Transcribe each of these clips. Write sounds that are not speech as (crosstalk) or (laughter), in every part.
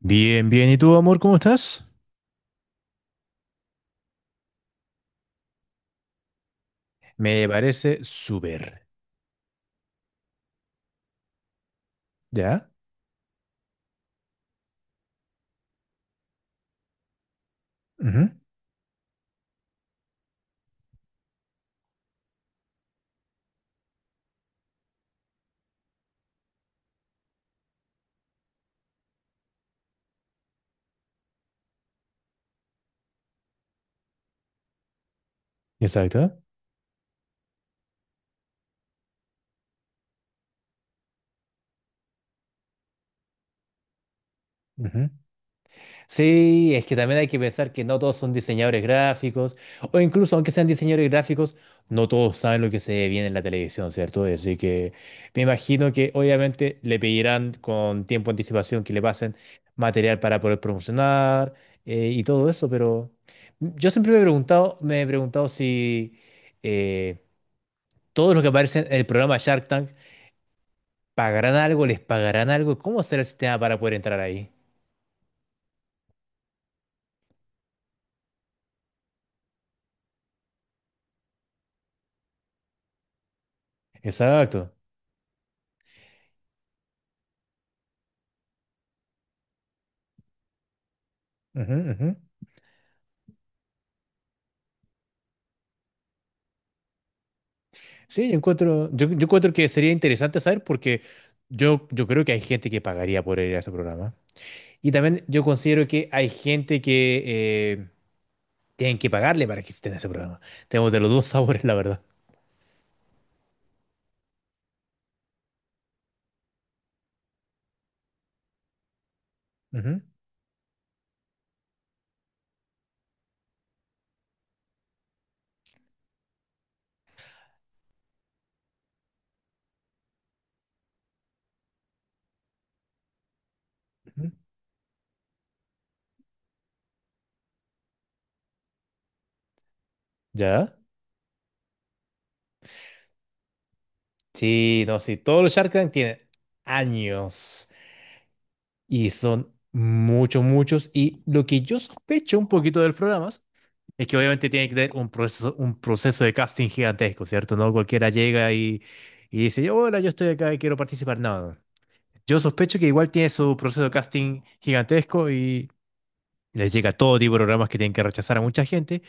Bien, bien. ¿Y tú, amor, cómo estás? Me parece súper. ¿Ya? Ujú. Exacto. Ujú. Sí, es que también hay que pensar que no todos son diseñadores gráficos, o incluso aunque sean diseñadores gráficos, no todos saben lo que se ve bien en la televisión, ¿cierto? Así que me imagino que obviamente le pedirán con tiempo de anticipación que le pasen material para poder promocionar, y todo eso, pero yo siempre me he preguntado si, eh, todos los que aparecen en el programa Shark Tank. ¿Pagarán algo? ¿Les pagarán algo? ¿Cómo será el sistema para poder entrar ahí? Exacto. Ujú, ujú. Sí, yo encuentro que sería interesante saber, porque yo creo que hay gente que pagaría por ir a ese programa. Y también yo considero que hay gente que, eh, tienen que pagarle para que esté en ese programa. Tenemos de los dos (laughs) sabores, la verdad. Ujú, ujú. ¿Ya? Sí, no, sí. Todos los Shark Tank tienen años, y son muchos, muchos. Y lo que yo sospecho un poquito del programa es que obviamente tiene que tener un proceso, de casting gigantesco, ¿cierto? No cualquiera llega y dice: yo hola, yo estoy acá y quiero participar. No, no. Yo sospecho que igual tiene su proceso de casting gigantesco, y les llega todo tipo de programas que tienen que rechazar a mucha gente,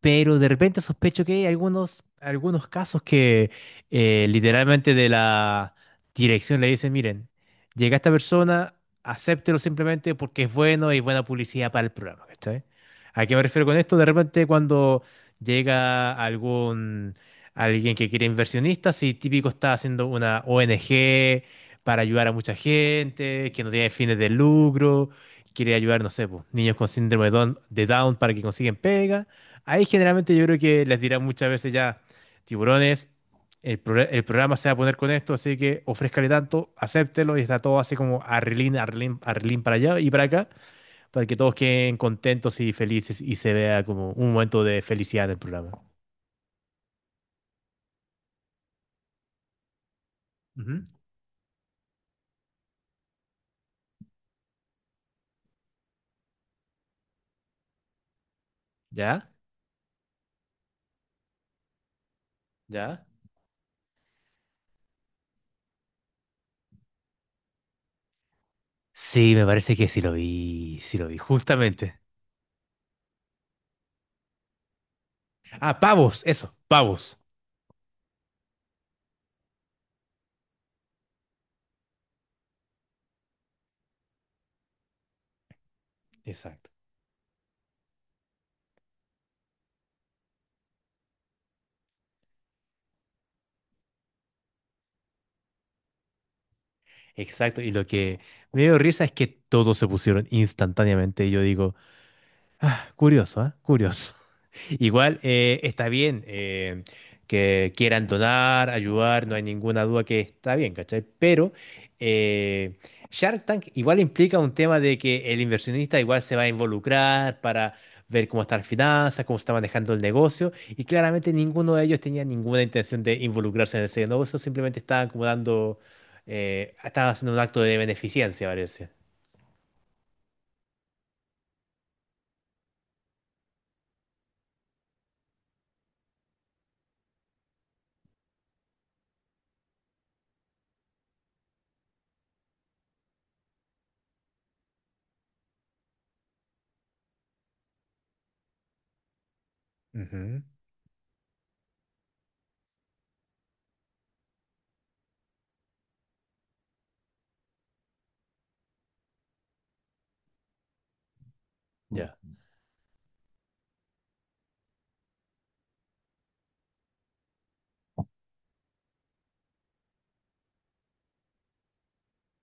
pero de repente sospecho que hay algunos casos que, literalmente de la dirección le dicen: miren, llega esta persona, acéptelo simplemente porque es bueno y buena publicidad para el programa, ¿cachai? ¿A qué me refiero con esto? De repente cuando llega alguien que quiere inversionistas, y típico está haciendo una ONG para ayudar a mucha gente, que no tiene fines de lucro, quiere ayudar, no sé, pues, niños con síndrome de Down para que consiguen pega. Ahí generalmente yo creo que les dirán muchas veces: ya, tiburones, el programa se va a poner con esto, así que ofrézcale tanto, acéptelo, y está todo así como arrelín, arrelín, arrelín, para allá y para acá, para que todos queden contentos y felices, y se vea como un momento de felicidad en el programa. Ujú. ¿Ya? ¿Ya? Sí, me parece que sí lo vi, justamente. Ah, pavos, eso, pavos. Exacto, exacto. Y lo que me dio risa es que todos se pusieron instantáneamente. Y yo digo... Curioso, ¿eh? Curioso. (laughs) Igual, está bien, que quieran donar, ayudar, no hay ninguna duda que está bien, ¿cachai? Pero, eh, Shark Tank igual implica un tema de que el inversionista igual se va a involucrar para ver cómo están las finanzas, cómo se está manejando el negocio, y claramente ninguno de ellos tenía ninguna intención de involucrarse en ese negocio, simplemente estaban como dando, estaban haciendo un acto de beneficencia, parece. Ujú. Ya,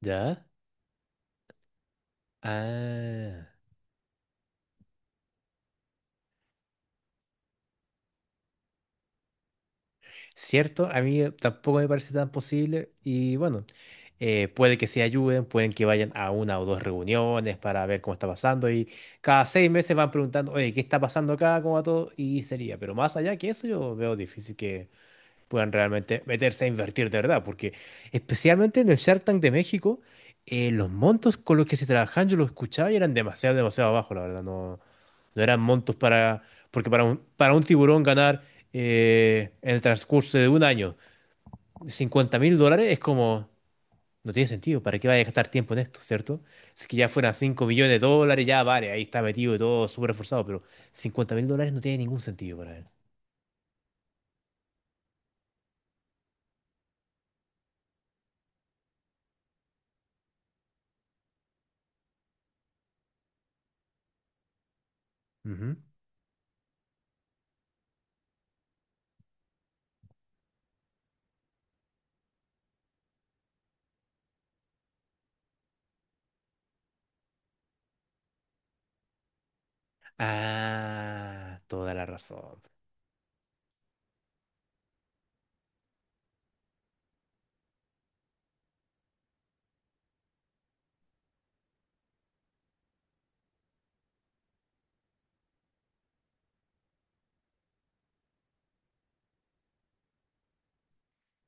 ya. Ah. ¿Cierto? A mí, tampoco me parece tan posible. Y bueno, puede que se ayuden, pueden que vayan a una o dos reuniones para ver cómo está pasando, y cada 6 meses van preguntando: oye, ¿qué está pasando acá? ¿Cómo va todo? Y sería, pero más allá que eso yo veo difícil puedan realmente meterse a invertir de verdad, porque especialmente en el Shark Tank de México, los montos con los que se trabajaban, yo los escuchaba y eran demasiado, demasiado bajos, la verdad, no, no eran montos para, porque para un tiburón ganar, en el transcurso de un año, 50.000 dólares es como, no tiene sentido, ¿para qué vaya a gastar tiempo en esto, cierto? Si que ya fueran 5 millones de dólares, ya vale, ahí está metido y todo súper esforzado, pero 50.000 dólares no tiene ningún sentido para él. Ujú. Ah, toda la razón.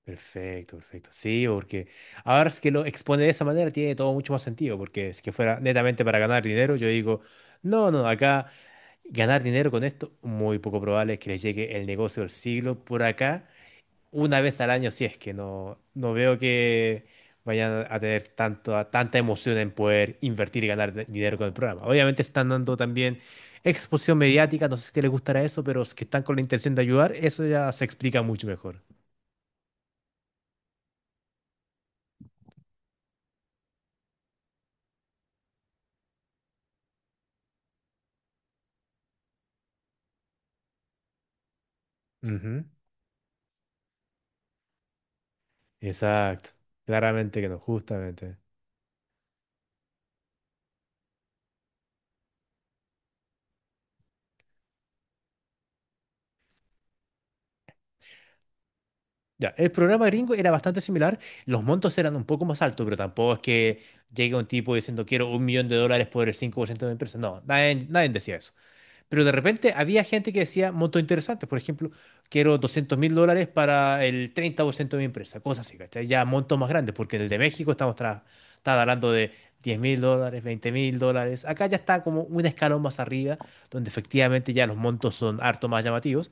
Perfecto, perfecto. Sí, porque ahora es que lo expone de esa manera, tiene todo mucho más sentido, porque es que fuera netamente para ganar dinero, yo digo, no, no, acá ganar dinero con esto, muy poco probable es que les llegue el negocio del siglo por acá, una vez al año, si es que no, no veo que vayan a tener tanto, tanta emoción en poder invertir y ganar dinero con el programa. Obviamente están dando también exposición mediática, no sé si les gustará eso, pero es que están con la intención de ayudar, eso ya se explica mucho mejor. Exacto, claramente que no, justamente. Ya, el programa gringo era bastante similar, los montos eran un poco más altos, pero tampoco es que llegue un tipo diciendo: quiero 1 millón de dólares por el 5% de mi empresa. No, nadie, nadie decía eso. Pero de repente había gente que decía montos interesantes, por ejemplo, quiero 200.000 dólares para el 30% de mi empresa, cosas así, ¿cachai? Ya montos más grandes, porque en el de México está hablando de 10.000 dólares, 20.000 dólares. Acá ya está como un escalón más arriba, donde efectivamente ya los montos son harto más llamativos.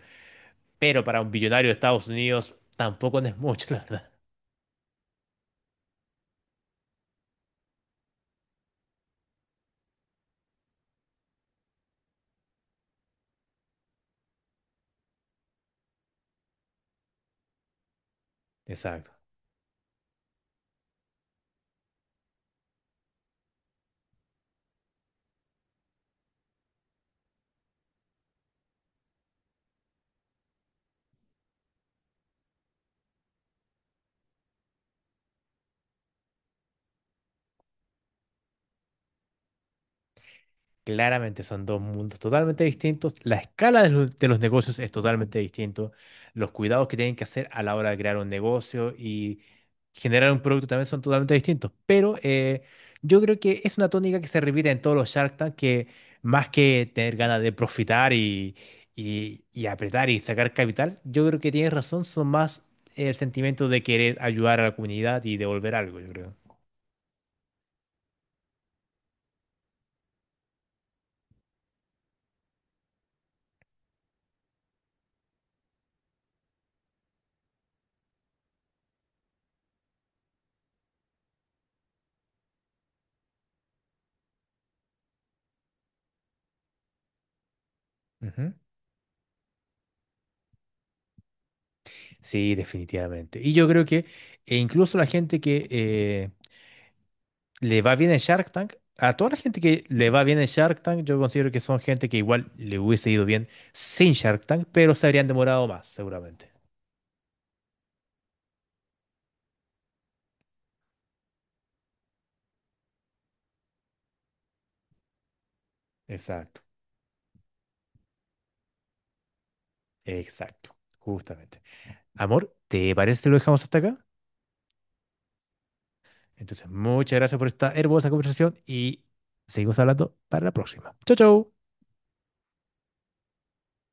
Pero para un billonario de Estados Unidos tampoco no es mucho, (laughs) la verdad. Exacto. Claramente son dos mundos totalmente distintos. La escala de los, negocios es totalmente distinto. Los cuidados que tienen que hacer a la hora de crear un negocio y generar un producto también son totalmente distintos. Pero, yo creo que es una tónica que se repite en todos los Shark Tank, que más que tener ganas de profitar y apretar y sacar capital, yo creo que tienes razón, son más el sentimiento de querer ayudar a la comunidad y devolver algo, yo creo. Ujú. Sí, definitivamente. Y yo creo que e incluso la gente que, le va bien en Shark Tank. A toda la gente que le va bien en Shark Tank, yo considero que son gente que igual le hubiese ido bien sin Shark Tank, pero se habrían demorado más, seguramente. Exacto, exacto, justamente. Amor, ¿te parece que lo dejamos hasta acá? Entonces, muchas gracias por esta hermosa conversación, y seguimos hablando para la próxima. Chau, chau.